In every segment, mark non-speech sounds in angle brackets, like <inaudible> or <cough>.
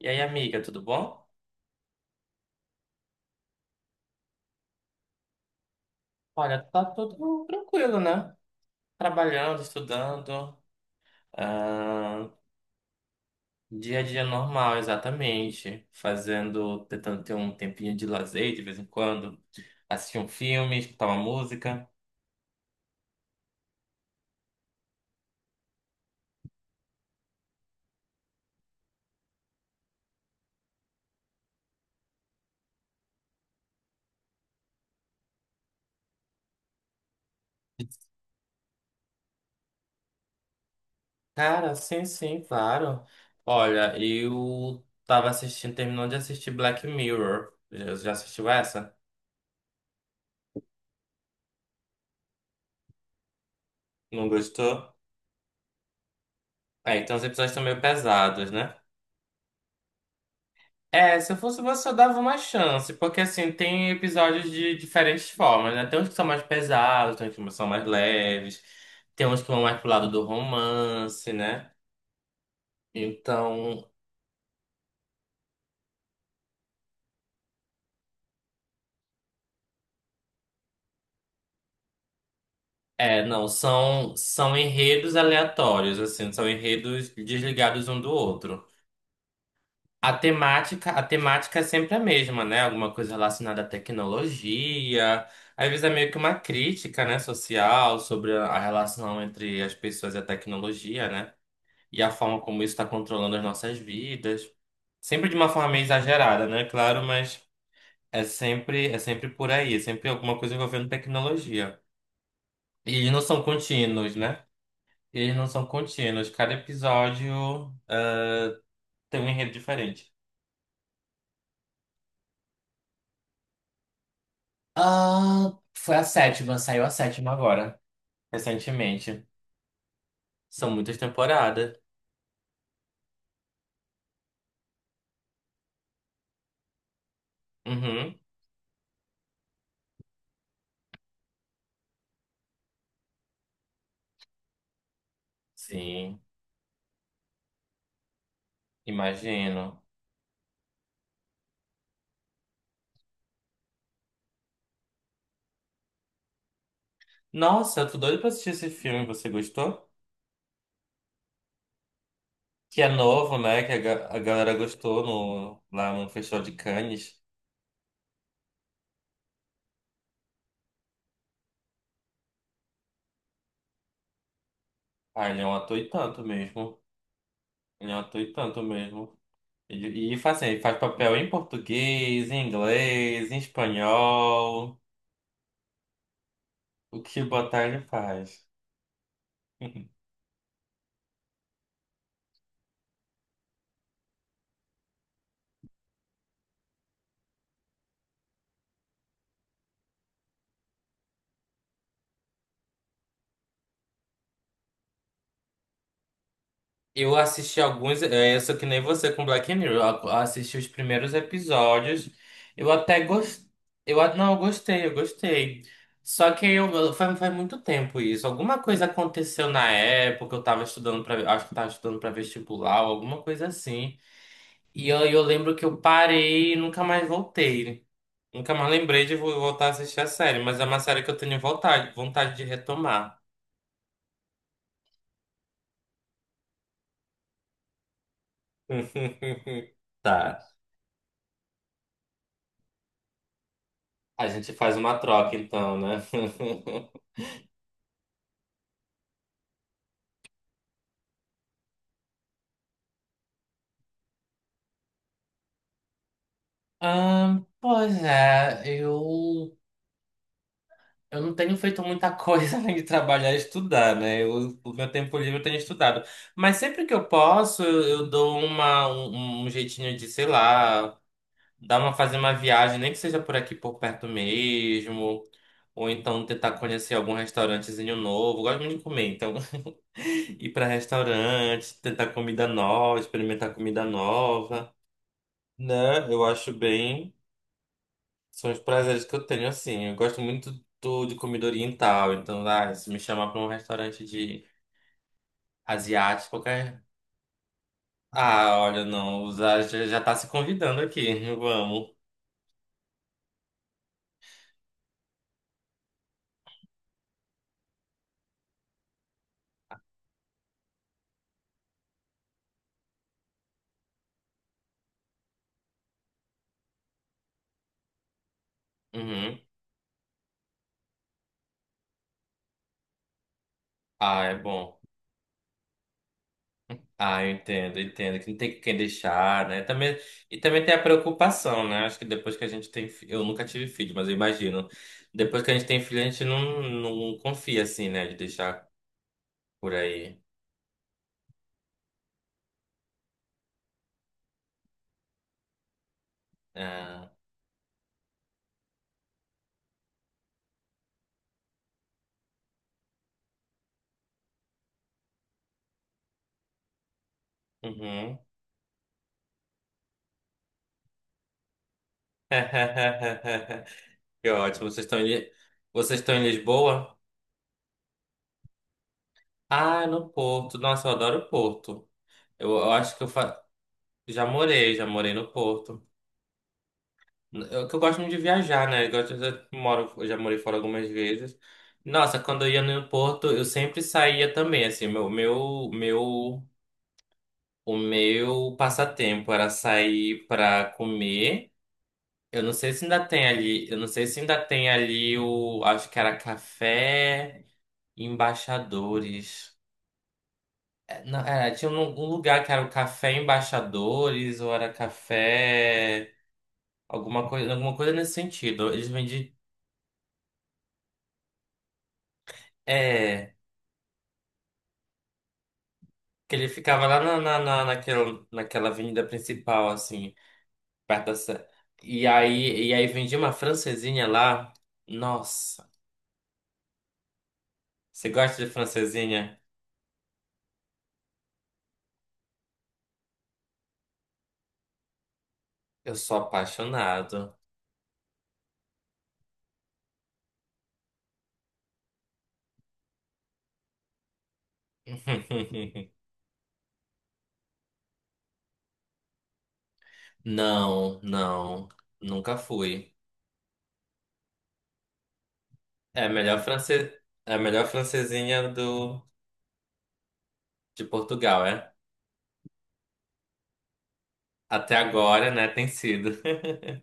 E aí, amiga, tudo bom? Olha, tá tudo tranquilo, né? Trabalhando, estudando, ah, dia a dia normal, exatamente. Fazendo, tentando ter um tempinho de lazer de vez em quando, assistir um filme, escutar uma música. Cara, sim, sim, claro. Olha, eu tava assistindo, terminando de assistir Black Mirror. Já assistiu essa? Não gostou? É, então os episódios estão meio pesados, né? É, se eu fosse você, eu dava uma chance, porque assim, tem episódios de diferentes formas, né? Tem uns que são mais pesados, tem uns que são mais leves, tem uns que vão mais pro lado do romance, né? Então, é, não, são enredos aleatórios, assim, são enredos desligados um do outro. A temática é sempre a mesma, né? Alguma coisa relacionada à tecnologia. Às vezes é meio que uma crítica, né, social sobre a relação entre as pessoas e a tecnologia, né? E a forma como isso está controlando as nossas vidas. Sempre de uma forma meio exagerada, né? Claro, mas é sempre por aí, é sempre alguma coisa envolvendo tecnologia. E eles não são contínuos, né? Eles não são contínuos. Cada episódio ah, tem um enredo diferente. Ah, foi a sétima, saiu a sétima agora, recentemente. São muitas temporadas. Uhum. Sim, imagino. Nossa, eu tô doido pra assistir esse filme. Você gostou? Que é novo, né? Que a galera gostou lá no Festival de Cannes. Ah, ele é um ator e tanto mesmo. Ele é um ator e tanto mesmo. E, faz assim, ele faz papel em português, em inglês, em espanhol. O que botar ele faz. <laughs> Eu assisti alguns, é, eu sou que nem você com Black Mirror. Eu assisti os primeiros episódios. Eu até gostei. Não, eu gostei, eu gostei. Só que eu, faz muito tempo isso. Alguma coisa aconteceu na época, eu tava estudando para, acho que eu tava estudando para vestibular, alguma coisa assim. E eu lembro que eu parei e nunca mais voltei. Nunca mais lembrei de voltar a assistir a série, mas é uma série que eu tenho vontade, vontade de retomar. <laughs> Tá. A gente faz uma troca então, né? <laughs> Ah, pois é, eu não tenho feito muita coisa <laughs> além de trabalhar e estudar, né? Eu, o meu tempo livre eu tenho estudado. Mas sempre que eu posso, eu dou uma, um, um um jeitinho de, sei lá, fazer uma viagem, nem que seja por aqui por perto mesmo. Ou então tentar conhecer algum restaurantezinho novo. Eu gosto muito de comer, então <laughs> ir para restaurante, tentar comida nova, experimentar comida nova. Né? Eu acho bem. São os prazeres que eu tenho, assim. Eu gosto muito de comida oriental. Então, se me chamar pra um restaurante de asiático, qualquer. Ah, olha, não. Já tá se convidando aqui. <laughs> Vamos. Uhum. Ah, é bom. Ah, eu entendo, eu entendo. Que não tem quem deixar, né? Também, e também tem a preocupação, né? Acho que depois que a gente tem. Eu nunca tive filho, mas eu imagino. Depois que a gente tem filho, a gente não confia, assim, né? De deixar por aí. Ah, uhum. <laughs> Que ótimo. Vocês estão em Lisboa? Ah, no Porto. Nossa, eu adoro o Porto. Eu acho que eu fa... Já morei, já morei no Porto. Eu, que eu gosto muito de viajar, né? Eu, gosto, eu já moro, eu já morei fora algumas vezes. Nossa, quando eu ia no Porto, eu sempre saía também, assim, o meu passatempo era sair pra comer. Eu não sei se ainda tem ali, eu não sei se ainda tem ali o, acho que era café. Embaixadores. É, não, era, tinha um lugar que era o Café Embaixadores, ou era café. Alguma coisa nesse sentido. Eles vendiam. É. Que ele ficava lá naquela avenida principal, assim, perto da. E aí vendia uma francesinha lá. Nossa, você gosta de francesinha? Eu sou apaixonado. <laughs> Não, não, nunca fui. É a melhor france... é a melhor francesinha de Portugal, é? Até agora, né, tem sido. <laughs>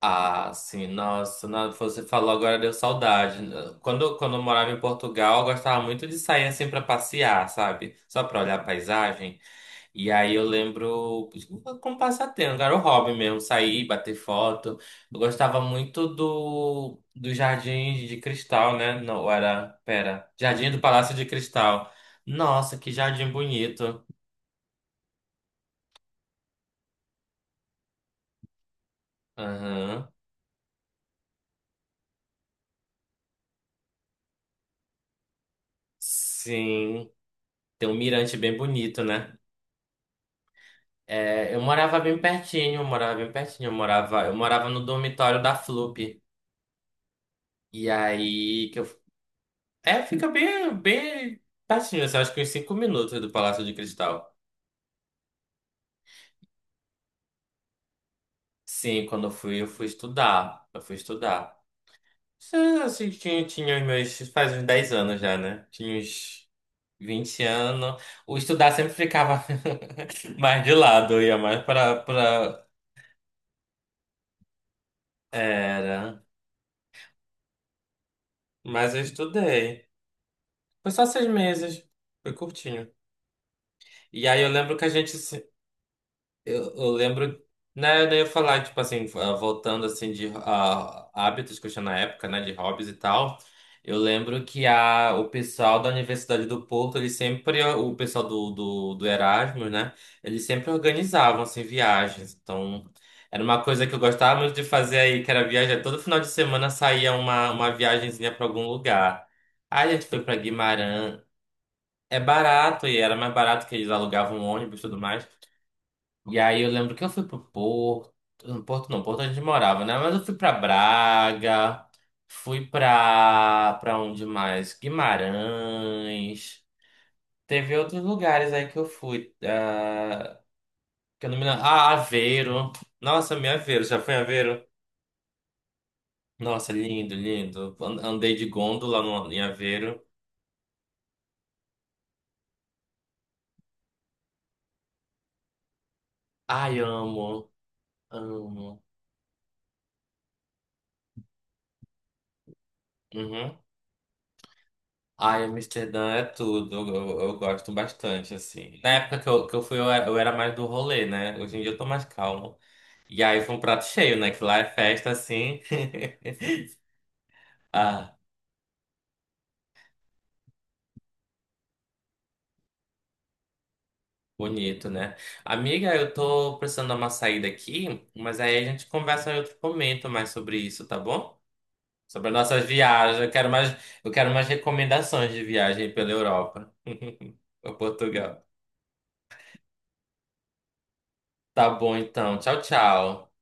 Ah, sim, nossa, você falou agora deu saudade. Quando eu morava em Portugal, eu gostava muito de sair assim pra passear, sabe? Só pra olhar a paisagem. E aí eu lembro, como passatempo, era o hobby mesmo, sair, bater foto. Eu gostava muito do jardim de cristal, né? Não, era, pera, Jardim do Palácio de Cristal. Nossa, que jardim bonito. Aham. Sim, tem um mirante bem bonito, né? É, eu morava bem pertinho, eu morava bem pertinho, eu morava no dormitório da FLUP. E aí que eu, é, fica bem, bem pertinho, assim, acho que uns 5 minutos do Palácio de Cristal. Sim, quando eu fui estudar. Eu fui estudar. Isso, assim, tinha os meus. Faz uns 10 anos já, né? Tinha uns 20 anos. O estudar sempre ficava <laughs> mais de lado, eu ia mais pra. Era. Mas eu estudei. Foi só 6 meses. Foi curtinho. E aí eu lembro que a gente. Eu lembro, né, eu ia falar, tipo assim, voltando assim de hábitos que eu tinha na época, né, de hobbies e tal. Eu lembro que o pessoal da Universidade do Porto, eles sempre, o pessoal do Erasmus, né, eles sempre organizavam, assim, viagens. Então, era uma coisa que eu gostava muito de fazer aí, que era viajar. Todo final de semana saía uma viagenzinha para algum lugar. Aí a gente foi para Guimarães. É barato, e era mais barato que eles alugavam um ônibus e tudo mais. E aí eu lembro que eu fui pro Porto. No Porto não, Porto a gente morava, né? Mas eu fui pra Braga, fui pra onde mais? Guimarães. Teve outros lugares aí que eu fui. Que eu não me lembro. Ah, Aveiro. Nossa, minha Aveiro, já foi em Aveiro? Nossa, lindo, lindo. Andei de gôndola no, em Aveiro. Ai, amo, amo. Uhum. Ai, Amsterdã é tudo, eu gosto bastante, assim. Na época que que eu fui, eu era mais do rolê, né? Hoje em dia eu tô mais calmo. E aí foi um prato cheio, né? Que lá é festa, assim. <laughs> Ah, bonito, né? Amiga, eu tô precisando dar uma saída aqui, mas aí a gente conversa em outro momento mais sobre isso, tá bom? Sobre as nossas viagens, eu quero mais recomendações de viagem pela Europa, <laughs> ou Portugal. Tá bom, então. Tchau, tchau.